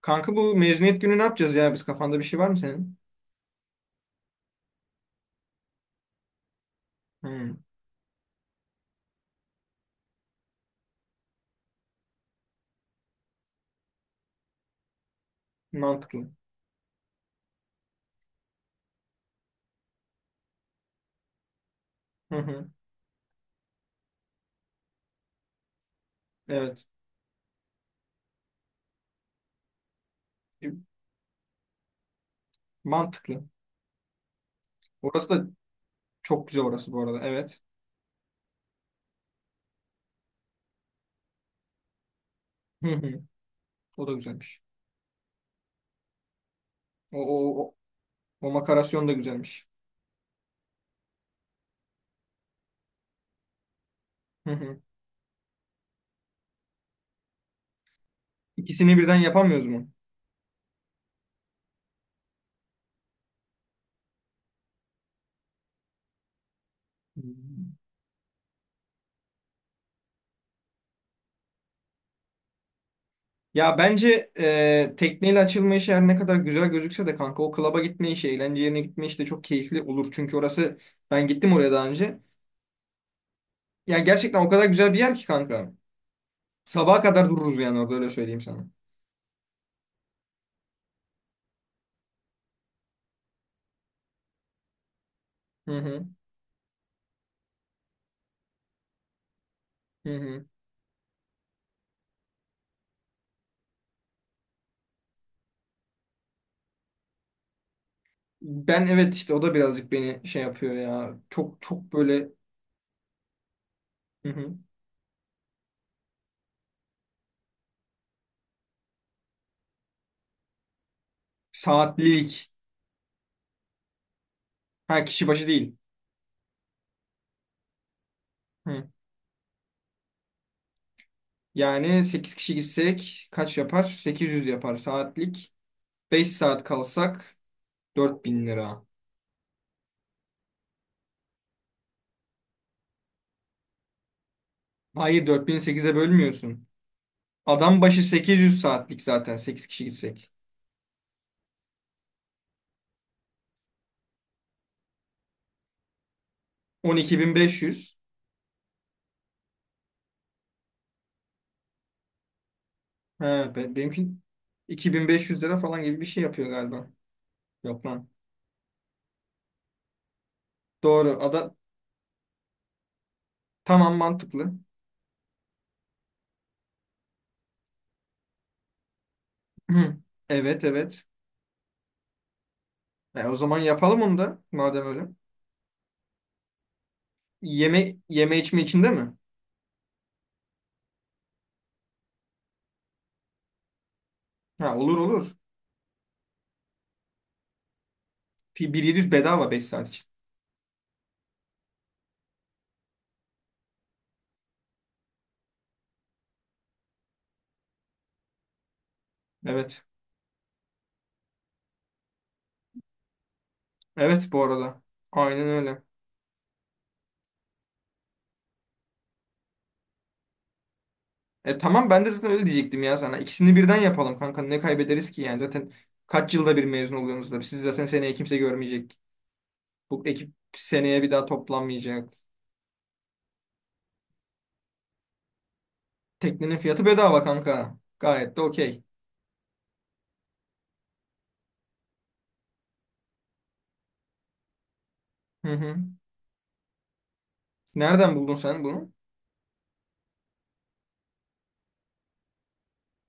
Kanka bu mezuniyet günü ne yapacağız ya? Kafanda bir şey var mı senin? Hmm, mantıklı. Hı hı, evet. E, mantıklı. Orası da çok güzel orası bu arada. Evet. Hı hı, o da güzelmiş. O, o, o, o makarasyon da güzelmiş. Hı hı. İkisini birden yapamıyoruz mu? Hmm. Ya bence tekneyle açılma işi her ne kadar güzel gözükse de kanka o klaba gitme işi, eğlence yerine gitme işi de çok keyifli olur. Çünkü orası ben gittim oraya daha önce. Yani gerçekten o kadar güzel bir yer ki kanka. Sabaha kadar dururuz yani orada öyle söyleyeyim sana. Hı hı, hı hı. Ben evet işte o da birazcık beni şey yapıyor ya. Çok çok böyle hı hı. Saatlilik. Ha kişi başı değil. Hı. Yani 8 kişi gitsek kaç yapar? Sekiz yüz yapar saatlik. Beş saat kalsak 4000 lira. Hayır, 4000'i sekize bölmüyorsun. Adam başı 800 saatlik zaten 8 kişi gitsek. 12.500. Benimki 2500 lira falan gibi bir şey yapıyor galiba. Yok lan. Doğru. Tamam, mantıklı. Hı. Evet, evet. E, o zaman yapalım onu da madem öyle. Yeme yeme içme içinde mi? Ha, olur olur. 1700 bedava 5 saat için. Evet. Evet bu arada. Aynen öyle. E tamam, ben de zaten öyle diyecektim ya sana. İkisini birden yapalım kanka. Ne kaybederiz ki yani zaten kaç yılda bir mezun oluyorsunuz da. Siz zaten seneye kimse görmeyecek. Bu ekip seneye bir daha toplanmayacak. Teknenin fiyatı bedava kanka. Gayet de okey. Hı hı. Nereden buldun sen bunu?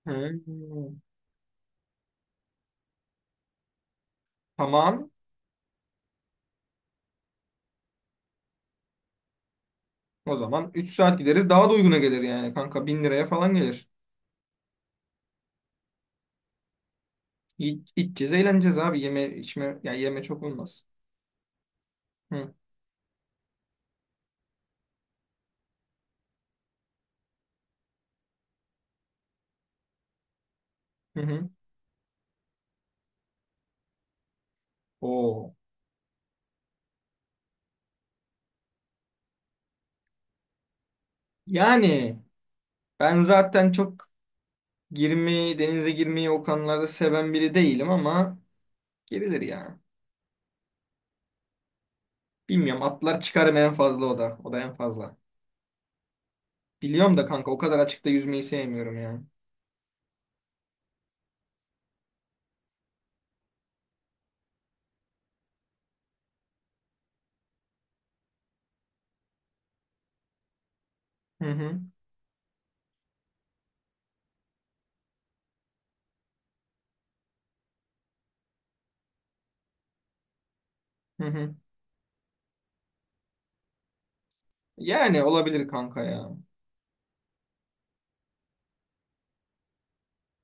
Hı. Tamam. O zaman 3 saat gideriz. Daha da uyguna gelir yani kanka. Bin liraya falan gelir. İçeceğiz, eğleneceğiz abi. Yeme içme ya yeme çok olmaz. Hı hı, hı. Oo. Yani ben zaten çok denize girmeyi o konularda seven biri değilim ama girilir ya. Bilmiyorum, atlar çıkarım en fazla, o da. O da en fazla. Biliyorum da kanka o kadar açıkta yüzmeyi sevmiyorum ya. Hı hı. Hı hı. Yani olabilir kanka ya.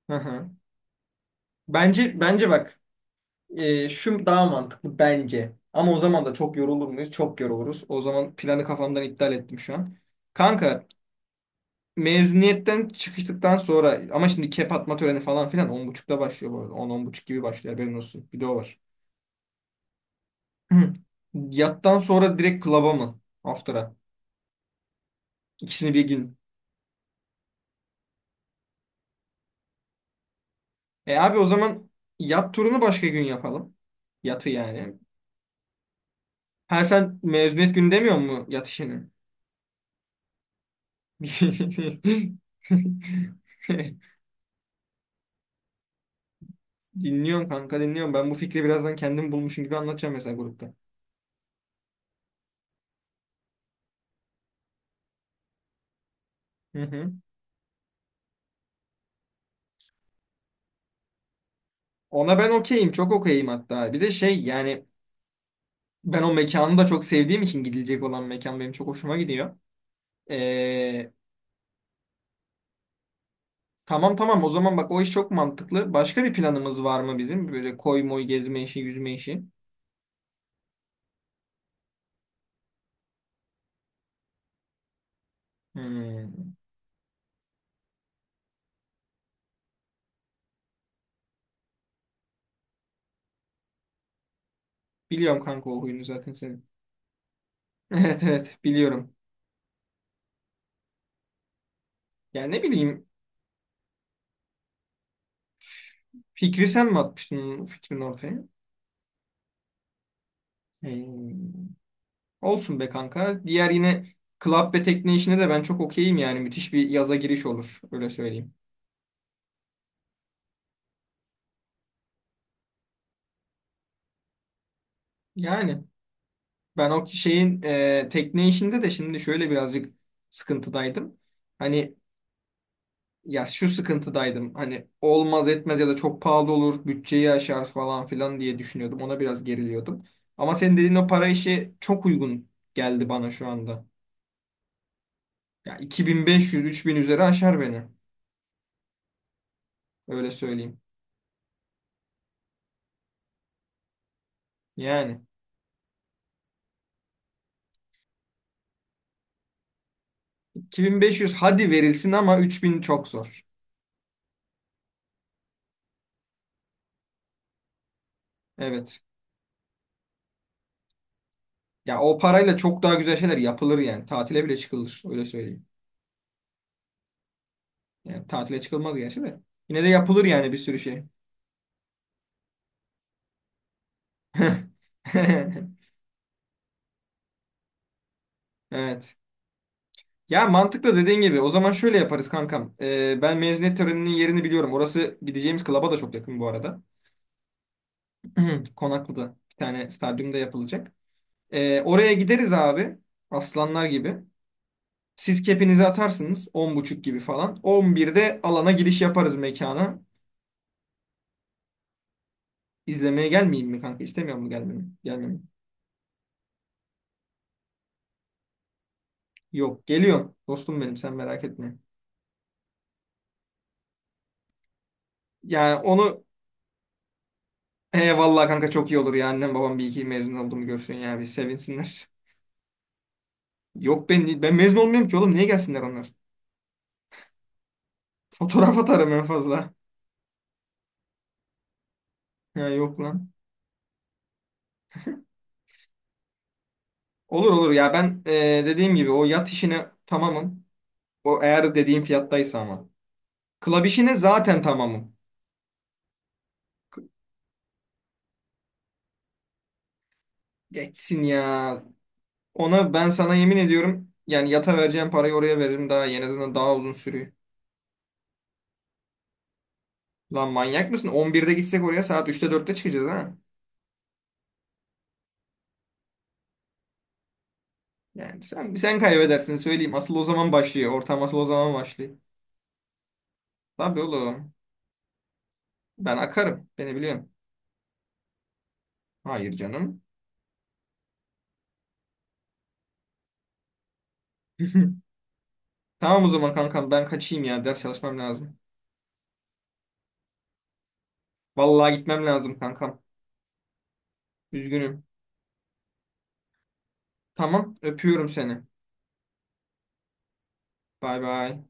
Hı hı. Bence bak, şu daha mantıklı bence. Ama o zaman da çok yorulur muyuz? Çok yoruluruz. O zaman planı kafamdan iptal ettim şu an. Kanka mezuniyetten çıkıştıktan sonra ama şimdi kep atma töreni falan filan on buçukta başlıyor bu arada. On, on buçuk gibi başlıyor, haberin olsun. Bir de o var. Yattan sonra direkt klaba mı? After'a. İkisini bir gün. E abi, o zaman yat turunu başka gün yapalım. Yatı yani. Ha, sen mezuniyet günü demiyor mu yat işini? Dinliyorum kanka, dinliyorum. Ben bu fikri birazdan kendim bulmuşum gibi anlatacağım mesela grupta. Hı hı. Ona ben okeyim. Çok okeyim hatta. Bir de şey yani, ben o mekanı da çok sevdiğim için gidilecek olan mekan benim çok hoşuma gidiyor. Ee, tamam tamam, o zaman bak o iş çok mantıklı. Başka bir planımız var mı bizim? Böyle koy moy gezme işi, yüzme işi. Hmm. Biliyorum kanka o huyunu zaten senin. Evet evet, biliyorum. Yani ne bileyim, fikri sen mi atmıştın, fikrin ortaya? Hmm. Olsun be kanka. Diğer, yine club ve tekne işine de ben çok okeyim yani. Müthiş bir yaza giriş olur. Öyle söyleyeyim. Yani ben o şeyin tekne işinde de şimdi şöyle birazcık sıkıntıdaydım. Hani, ya şu sıkıntıdaydım. Hani olmaz etmez ya da çok pahalı olur. Bütçeyi aşar falan filan diye düşünüyordum. Ona biraz geriliyordum. Ama senin dediğin o para işi çok uygun geldi bana şu anda. Ya 2500-3000 üzeri aşar beni. Öyle söyleyeyim. Yani. 2500 hadi verilsin ama 3000 çok zor. Evet. Ya o parayla çok daha güzel şeyler yapılır yani. Tatile bile çıkılır. Öyle söyleyeyim. Yani tatile çıkılmaz gerçi de. Yine de yapılır yani bir sürü şey. Evet. Ya mantıklı dediğin gibi. O zaman şöyle yaparız kankam. Ben mezuniyet töreninin yerini biliyorum. Orası gideceğimiz klaba da çok yakın bu arada. Konaklı'da. Bir tane stadyumda yapılacak. Oraya gideriz abi. Aslanlar gibi. Siz kepinizi atarsınız on buçuk gibi falan. On birde alana giriş yaparız mekana. İzlemeye gelmeyeyim mi kanka? İstemiyor mu gelmemi? Gelmemi. Yok, geliyorum. Dostum benim, sen merak etme. Yani onu, he vallahi kanka çok iyi olur ya. Annem babam bir iki mezun olduğumu görsün ya. Bir sevinsinler. Yok, ben mezun olmuyorum ki oğlum. Niye gelsinler onlar? Fotoğraf atarım en fazla. Ya yok lan. Olur olur ya ben, dediğim gibi o yat işine tamamım. O eğer dediğim fiyattaysa ama. Klab işine zaten tamamım. Geçsin ya. Ona ben sana yemin ediyorum yani, yata vereceğim parayı oraya veririm daha iyi. En azından daha uzun sürüyor. Lan manyak mısın? 11'de gitsek oraya saat 3'te 4'te çıkacağız ha. Yani sen kaybedersin söyleyeyim. Asıl o zaman başlıyor. Ortam asıl o zaman başlıyor. Tabii oğlum. Ben akarım. Beni biliyorsun. Hayır canım. Tamam o zaman kankam, ben kaçayım ya. Ders çalışmam lazım. Vallahi gitmem lazım kankam. Üzgünüm. Tamam, öpüyorum seni. Bay bay.